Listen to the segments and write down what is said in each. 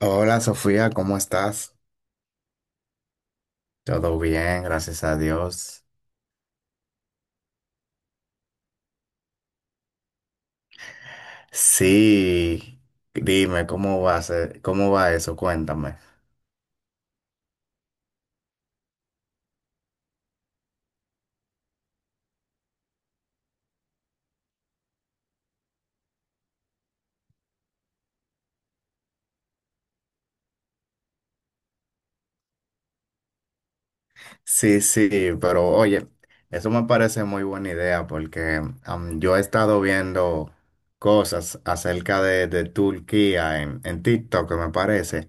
Hola Sofía, ¿cómo estás? Todo bien, gracias a Dios. Sí, dime, ¿cómo va eso? Cuéntame. Sí, sí, pero oye, eso me parece muy buena idea porque yo he estado viendo cosas acerca de Turquía en TikTok, me parece.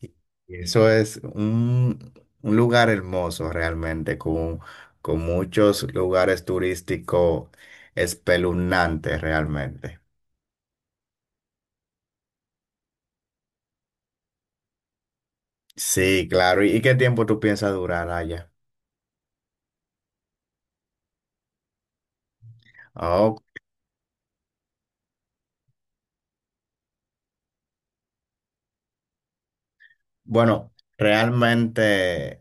Y Eso es un lugar hermoso realmente, con muchos lugares turísticos espeluznantes realmente. Sí, claro. ¿Y qué tiempo tú piensas durar allá? Oh, bueno, realmente,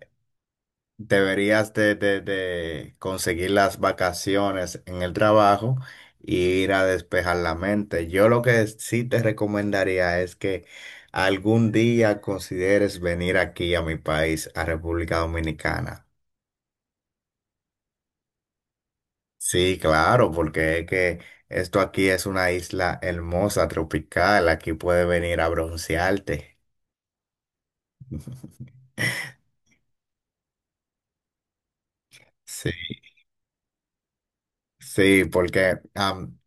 deberías de conseguir las vacaciones en el trabajo y ir a despejar la mente. Yo lo que sí te recomendaría es que algún día consideres venir aquí a mi país, a República Dominicana. Sí, claro, porque es que esto aquí es una isla hermosa, tropical. Aquí puedes venir a broncearte. Sí. Sí, porque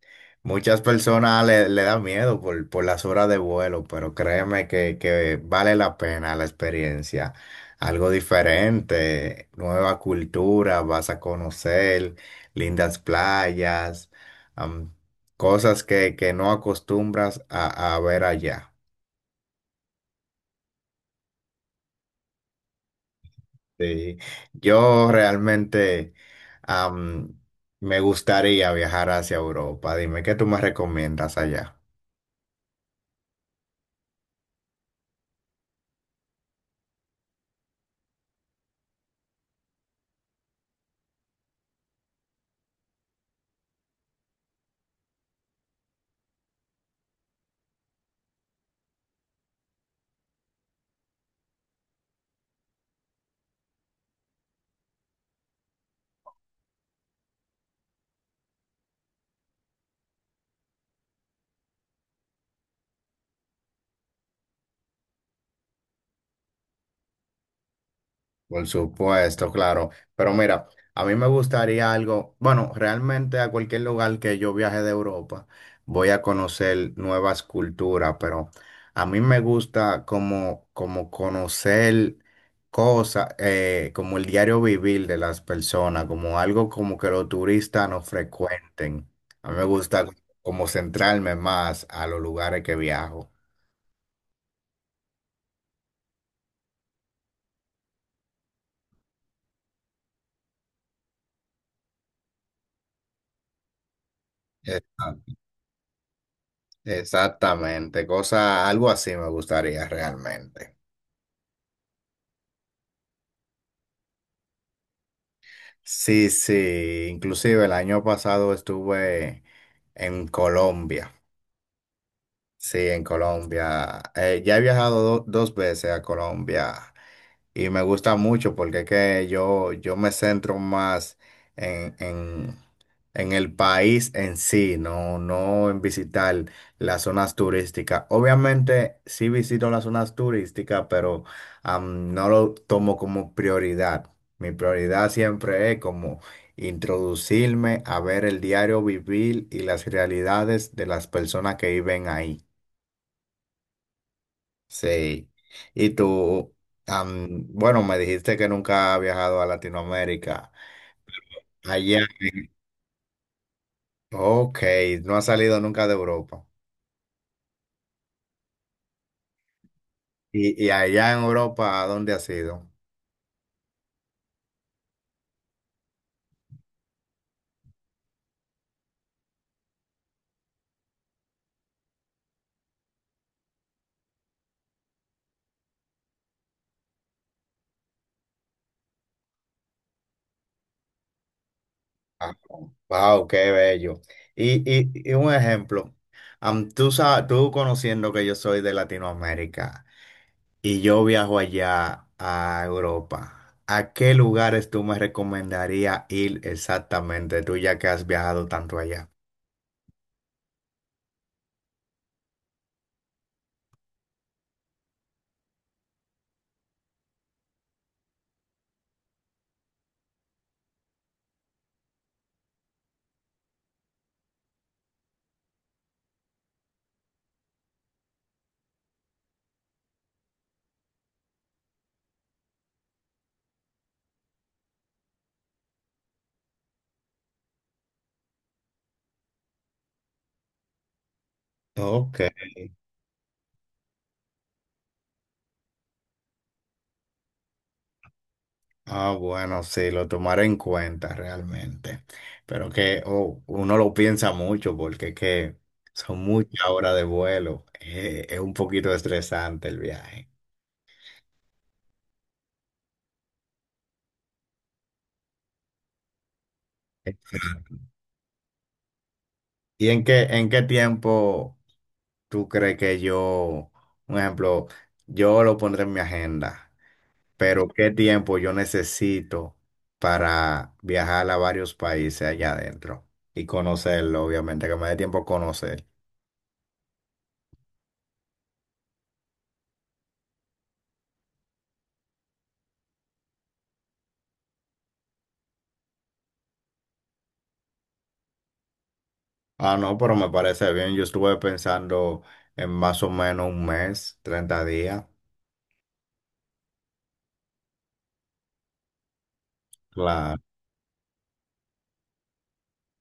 muchas personas le da miedo por las horas de vuelo, pero créeme que vale la pena la experiencia. Algo diferente, nueva cultura, vas a conocer lindas playas, am, cosas que no acostumbras a ver allá. Sí. Yo realmente, am, me gustaría viajar hacia Europa. Dime, ¿qué tú me recomiendas allá? Por supuesto, claro. Pero mira, a mí me gustaría algo, bueno, realmente a cualquier lugar que yo viaje de Europa, voy a conocer nuevas culturas, pero a mí me gusta como, como conocer cosas, como el diario vivir de las personas, como algo como que los turistas no frecuenten. A mí me gusta como centrarme más a los lugares que viajo. Exacto. Exactamente, cosa, algo así me gustaría realmente. Sí, sí, inclusive el año pasado estuve en Colombia, sí, en Colombia. Ya he viajado dos veces a Colombia y me gusta mucho porque es que yo me centro más en, en el país en sí, no en visitar las zonas turísticas. Obviamente sí visito las zonas turísticas, pero no lo tomo como prioridad. Mi prioridad siempre es como introducirme a ver el diario vivir y las realidades de las personas que viven ahí. Sí. Y tú, bueno, me dijiste que nunca has viajado a Latinoamérica. Allá, ok, no has salido nunca de Europa. Y allá en Europa, ¿a dónde has ido? Ah, wow, qué bello. Y un ejemplo, tú, tú conociendo que yo soy de Latinoamérica y yo viajo allá a Europa, ¿a qué lugares tú me recomendarías ir exactamente, tú ya que has viajado tanto allá? Ok. Ah, bueno, sí, lo tomaré en cuenta realmente. Pero que oh, uno lo piensa mucho porque es que son muchas horas de vuelo. Es un poquito estresante el viaje. ¿Y en qué tiempo tú crees que yo, un ejemplo, yo lo pondré en mi agenda, pero qué tiempo yo necesito para viajar a varios países allá adentro y conocerlo, obviamente, que me dé tiempo a conocer? Ah, no, pero me parece bien. Yo estuve pensando en más o menos un mes, 30 días. Claro.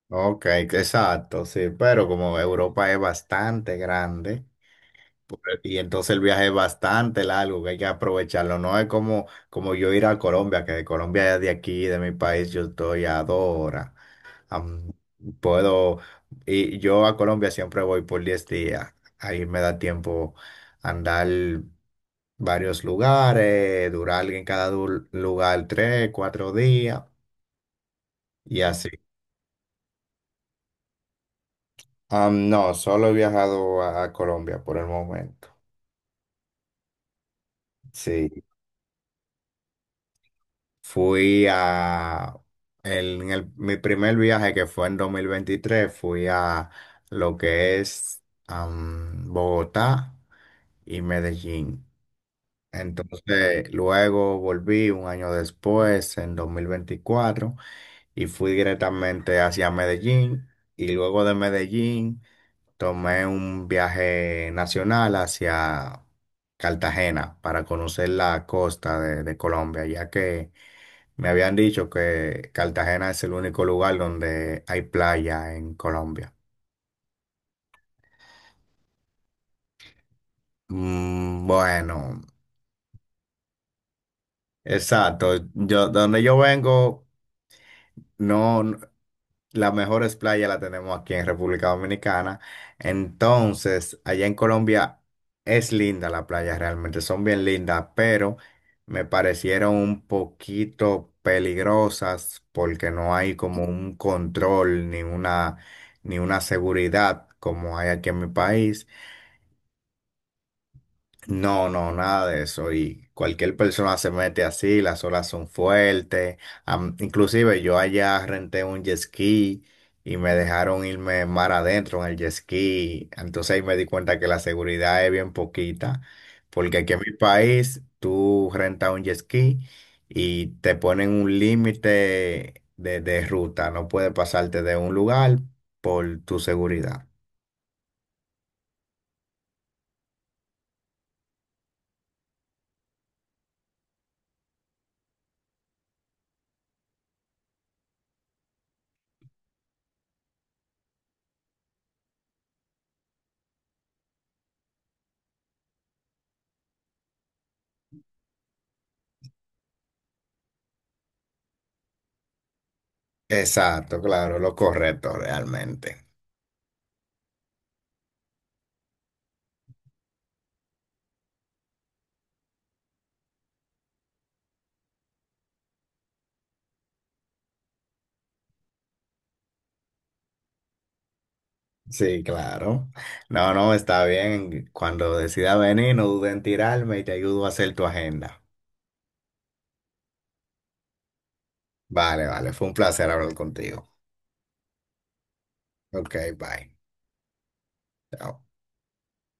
Ok, exacto, sí. Pero como Europa es bastante grande y entonces el viaje es bastante largo, que hay que aprovecharlo. No es como, como yo ir a Colombia, que de Colombia de aquí, de mi país, yo estoy a dos horas. Am, puedo, y yo a Colombia siempre voy por 10 días. Ahí me da tiempo andar varios lugares, durar en cada lugar 3 4 días y así. No, solo he viajado a Colombia por el momento. Sí, fui a, mi primer viaje que fue en 2023 fui a lo que es Bogotá y Medellín. Entonces, luego volví un año después, en 2024, y fui directamente hacia Medellín. Y luego de Medellín, tomé un viaje nacional hacia Cartagena para conocer la costa de Colombia, ya que me habían dicho que Cartagena es el único lugar donde hay playa en Colombia. Mm, bueno, exacto. Yo, donde yo vengo, no, no- las mejores playas las tenemos aquí en República Dominicana. Entonces, allá en Colombia es linda la playa, realmente son bien lindas, pero me parecieron un poquito peligrosas porque no hay como un control ni una, ni una seguridad como hay aquí en mi país. No, no, nada de eso. Y cualquier persona se mete así, las olas son fuertes. Inclusive yo allá renté un jet ski y me dejaron irme mar adentro en el jet ski. Entonces ahí me di cuenta que la seguridad es bien poquita, porque aquí en mi país tú rentas un jet ski y te ponen un límite de ruta. No puedes pasarte de un lugar por tu seguridad. Exacto, claro, lo correcto realmente. Sí, claro. No, no, está bien. Cuando decida venir, no dudes en tirarme y te ayudo a hacer tu agenda. Vale, vale. Fue un placer hablar contigo. Ok, bye. Chao.